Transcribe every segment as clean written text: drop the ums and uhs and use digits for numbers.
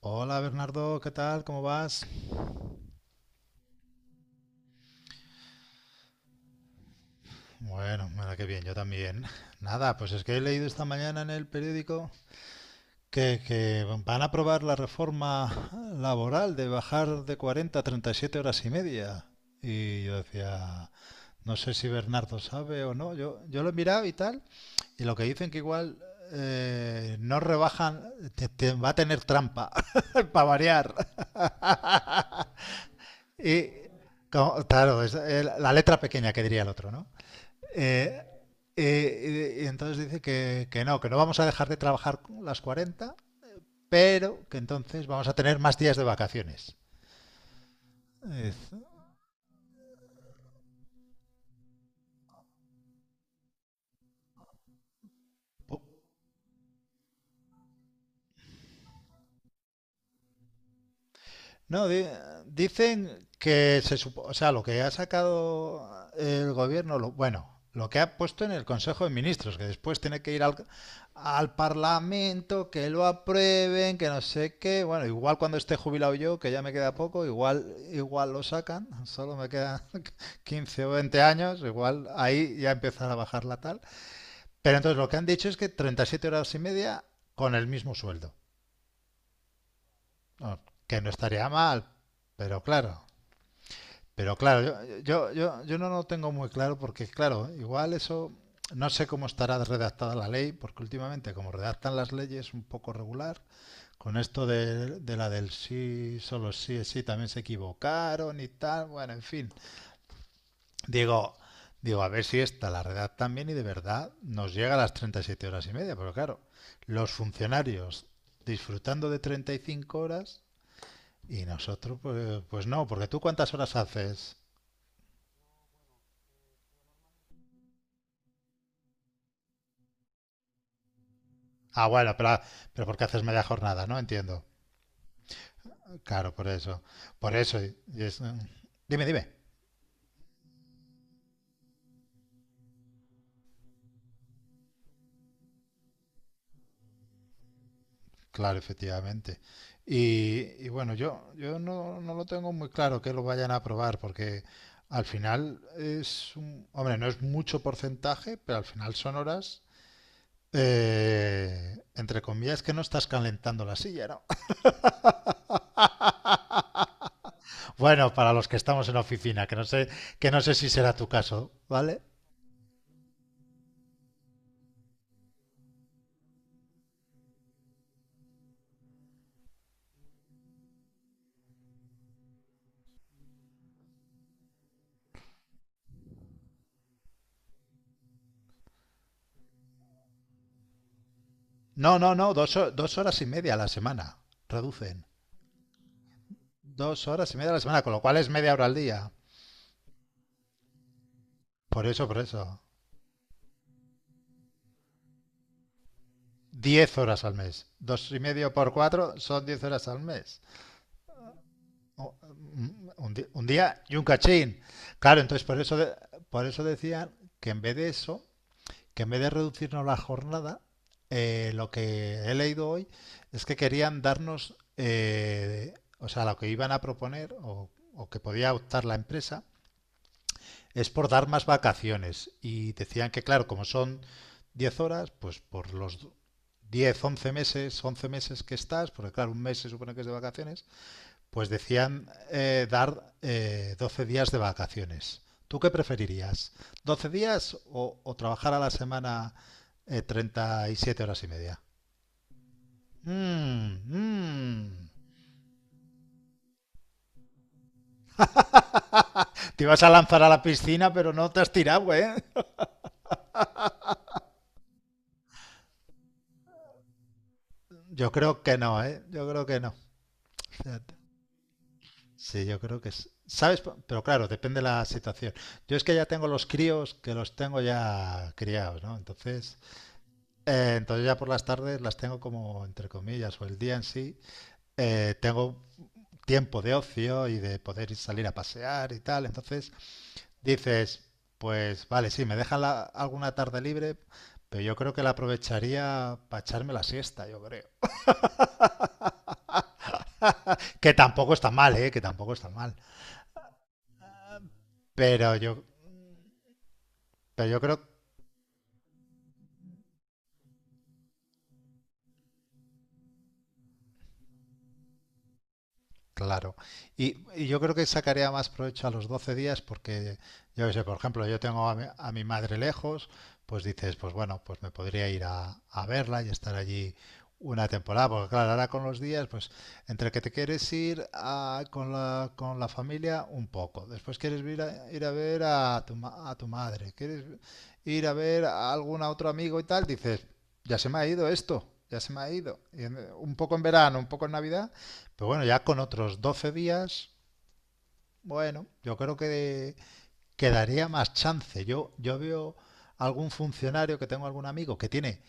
Hola Bernardo, ¿qué tal? ¿Cómo vas? Bueno, mira qué bien, yo también. Nada, pues es que he leído esta mañana en el periódico que van a aprobar la reforma laboral de bajar de 40 a 37 horas y media. Y yo decía, no sé si Bernardo sabe o no. Yo lo he mirado y tal, y lo que dicen que igual no rebajan, va a tener trampa, para variar. Y, claro, es la letra pequeña que diría el otro, ¿no? Eh, entonces dice que no vamos a dejar de trabajar las 40, pero que entonces vamos a tener más días de vacaciones. Es- po- No, dicen que se supo, o sea, lo que ha sacado el gobierno, bueno, lo que ha puesto en el Consejo de Ministros, que después tiene que ir al Parlamento, que lo aprueben, que no sé qué. Bueno, igual cuando esté jubilado yo, que ya me queda poco, igual lo sacan, solo me quedan 15 o 20 años, igual ahí ya empezará a bajar la tal. Pero entonces lo que han dicho es que 37 horas y media con el mismo sueldo. No, que no estaría mal, pero claro. Pero claro, yo no lo tengo muy claro porque, claro, igual eso no sé cómo estará redactada la ley, porque últimamente como redactan las leyes un poco regular, con esto de la del sí, solo sí es sí, también se equivocaron y tal, bueno, en fin. Digo, digo, a ver si esta la redactan bien y de verdad nos llega a las 37 horas y media, pero claro, los funcionarios disfrutando de 35 horas y nosotros, pues, pues no, porque tú, ¿cuántas horas haces? Ah, bueno, pero porque haces media jornada, ¿no? Entiendo. Claro, por eso. Por eso. Dime, dime. Claro, efectivamente. Bueno, yo no lo tengo muy claro que lo vayan a aprobar, porque al final es un... Hombre, no es mucho porcentaje, pero al final son horas, entre comillas, que no estás calentando la silla, ¿no? Bueno, para los que estamos en oficina, que no sé si será tu caso, ¿vale? No, no, no, dos horas y media a la semana. Reducen. Dos horas y media a la semana, con lo cual es media hora al día. Por eso, por eso. Diez horas al mes. Dos y medio por cuatro son 10 horas al mes. Un día y un cachín. Claro, entonces por eso decían que en vez de eso, que en vez de reducirnos la jornada, lo que he leído hoy es que querían darnos, o sea, lo que iban a proponer o que podía optar la empresa es por dar más vacaciones. Y decían que, claro, como son 10 horas, pues por los once meses que estás, porque claro, un mes se supone que es de vacaciones, pues decían dar 12 días de vacaciones. ¿Tú qué preferirías? ¿12 días o, trabajar a la semana 37 horas y media? Mm, mm. Te ibas a lanzar a la piscina, pero no te has tirado, ¿eh? Yo creo que no, ¿eh? Yo creo que no. O sea, sí, yo creo que es. ¿Sabes? Pero claro, depende de la situación. Yo es que ya tengo los críos que los tengo ya criados, ¿no? Entonces, ya por las tardes las tengo como, entre comillas, o el día en sí, tengo tiempo de ocio y de poder salir a pasear y tal. Entonces dices, pues vale, sí, me dejan alguna tarde libre, pero yo creo que la aprovecharía para echarme la siesta, yo creo. Que tampoco está mal, ¿eh? Que tampoco está mal. Pero yo, pero yo creo Claro. Yo creo que sacaría más provecho a los 12 días porque, yo qué sé, por ejemplo, yo tengo a a mi madre lejos, pues dices, pues bueno, pues me podría ir a verla y estar allí una temporada, porque claro, ahora con los días, pues entre que te quieres ir con la familia un poco, después quieres ir a ver a tu madre, quieres ir a ver a algún otro amigo y tal, dices, ya se me ha ido esto, ya se me ha ido. Y un poco en verano, un poco en Navidad, pero bueno, ya con otros 12 días, bueno, yo creo que quedaría más chance. Yo veo algún funcionario que tengo algún amigo que tiene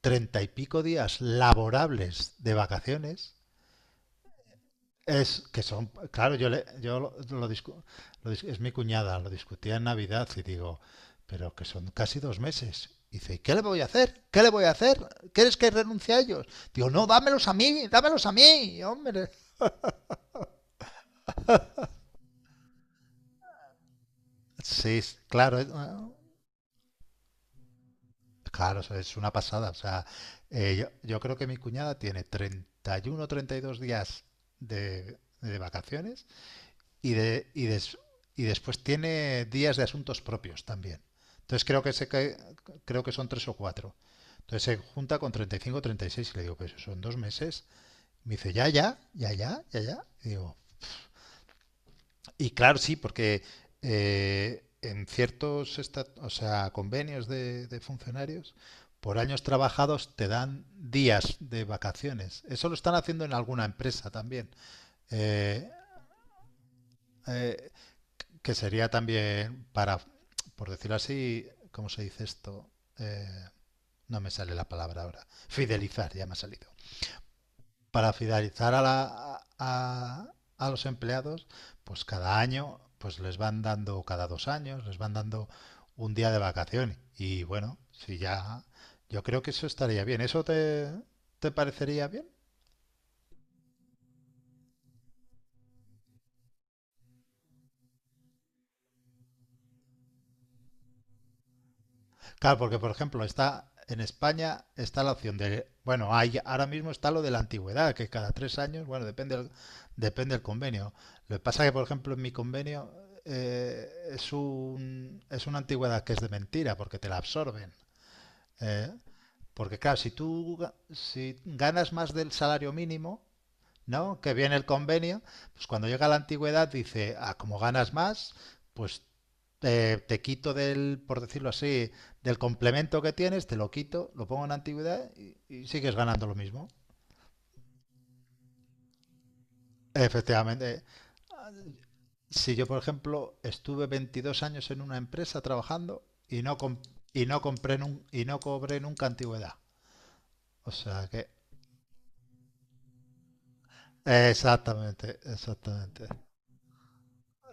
treinta y pico días laborables de vacaciones. Es que son, claro, yo, le, yo lo, discu- lo es mi cuñada, lo discutía en Navidad y digo, pero que son casi dos meses. Y dice, ¿y qué le voy a hacer? ¿Qué le voy a hacer? ¿Quieres que renuncie a ellos? Digo, no, dámelos a mí, hombre. Sí. Claro. Claro, eso es una pasada. O sea, yo creo que mi cuñada tiene 31 o 32 días de vacaciones y, de, y, des- y después tiene días de asuntos propios también. Entonces creo que son tres o cuatro. Entonces se junta con 35 o 36 y seis y le digo, pues son dos meses. Me dice, ya, ya, ya, ya, ya, ya. Y digo, y claro, sí, porque en ciertos o sea, convenios de funcionarios, por años trabajados te dan días de vacaciones. Eso lo están haciendo en alguna empresa también. Eh, eh, que sería también por decirlo así, ¿cómo se dice esto? Eh, no me sale la palabra ahora. Fidelizar, ya me ha salido. Para fidelizar a los empleados, pues cada año, pues les van dando, cada 2 años, les van dando un día de vacaciones. Y bueno, si ya, yo creo que eso estaría bien. ¿Eso te parecería bien? Claro, porque por ejemplo, está en España está la opción de, bueno, hay ahora mismo está lo de la antigüedad, que cada 3 años, bueno, depende del convenio. Lo que pasa es que, por ejemplo, en mi convenio, es una antigüedad que es de mentira, porque te la absorben. ¿Eh? Porque claro, si si ganas más del salario mínimo, ¿no? Que viene el convenio, pues cuando llega la antigüedad dice, ah, como ganas más, pues te quito del, por decirlo así, del complemento que tienes, te lo quito, lo pongo en antigüedad y sigues ganando lo mismo. Efectivamente. Si yo, por ejemplo, estuve 22 años en una empresa trabajando y no cobré nunca antigüedad. O sea que... Exactamente, exactamente.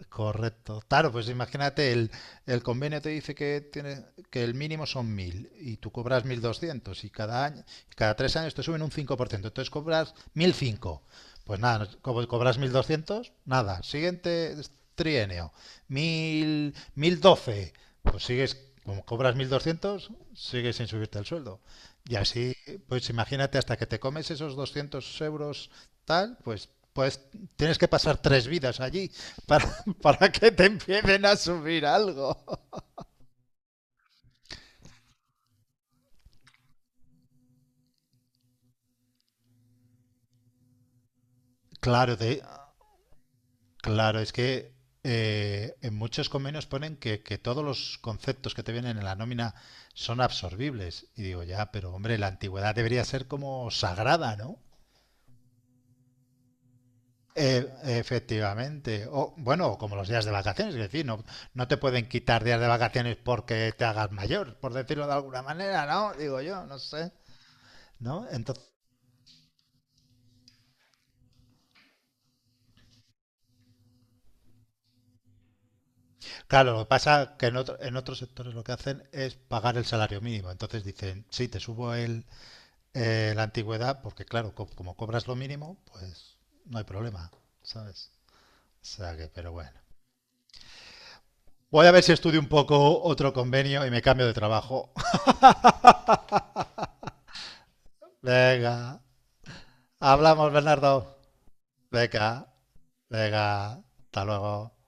Correcto. Claro, pues imagínate, el convenio te dice que tiene, que el mínimo son 1.000 y tú cobras 1.200 y cada tres años te suben un 5%, entonces cobras 1.005. Pues nada, como cobras 1.200, nada. Siguiente trienio, 1.012, pues sigues, como cobras 1.200, sigues sin subirte el sueldo. Y así, pues imagínate, hasta que te comes esos 200 € tal, pues... Pues tienes que pasar tres vidas allí para, para que te empiecen a subir algo. Claro, de, claro, es que en muchos convenios ponen que todos los conceptos que te vienen en la nómina son absorbibles. Y digo, ya, pero hombre, la antigüedad debería ser como sagrada, ¿no? Efectivamente. O, bueno, como los días de vacaciones, es decir, no te pueden quitar días de vacaciones porque te hagas mayor, por decirlo de alguna manera, ¿no? Digo yo, no sé. ¿No? Entonces, claro, lo que pasa que en otros sectores lo que hacen es pagar el salario mínimo. Entonces dicen, sí, te subo la antigüedad, porque claro, como cobras lo mínimo, pues no hay problema, ¿sabes? O sea que, pero bueno. Voy a ver si estudio un poco otro convenio y me cambio de trabajo. Venga, hablamos, Bernardo. Venga, venga, hasta luego.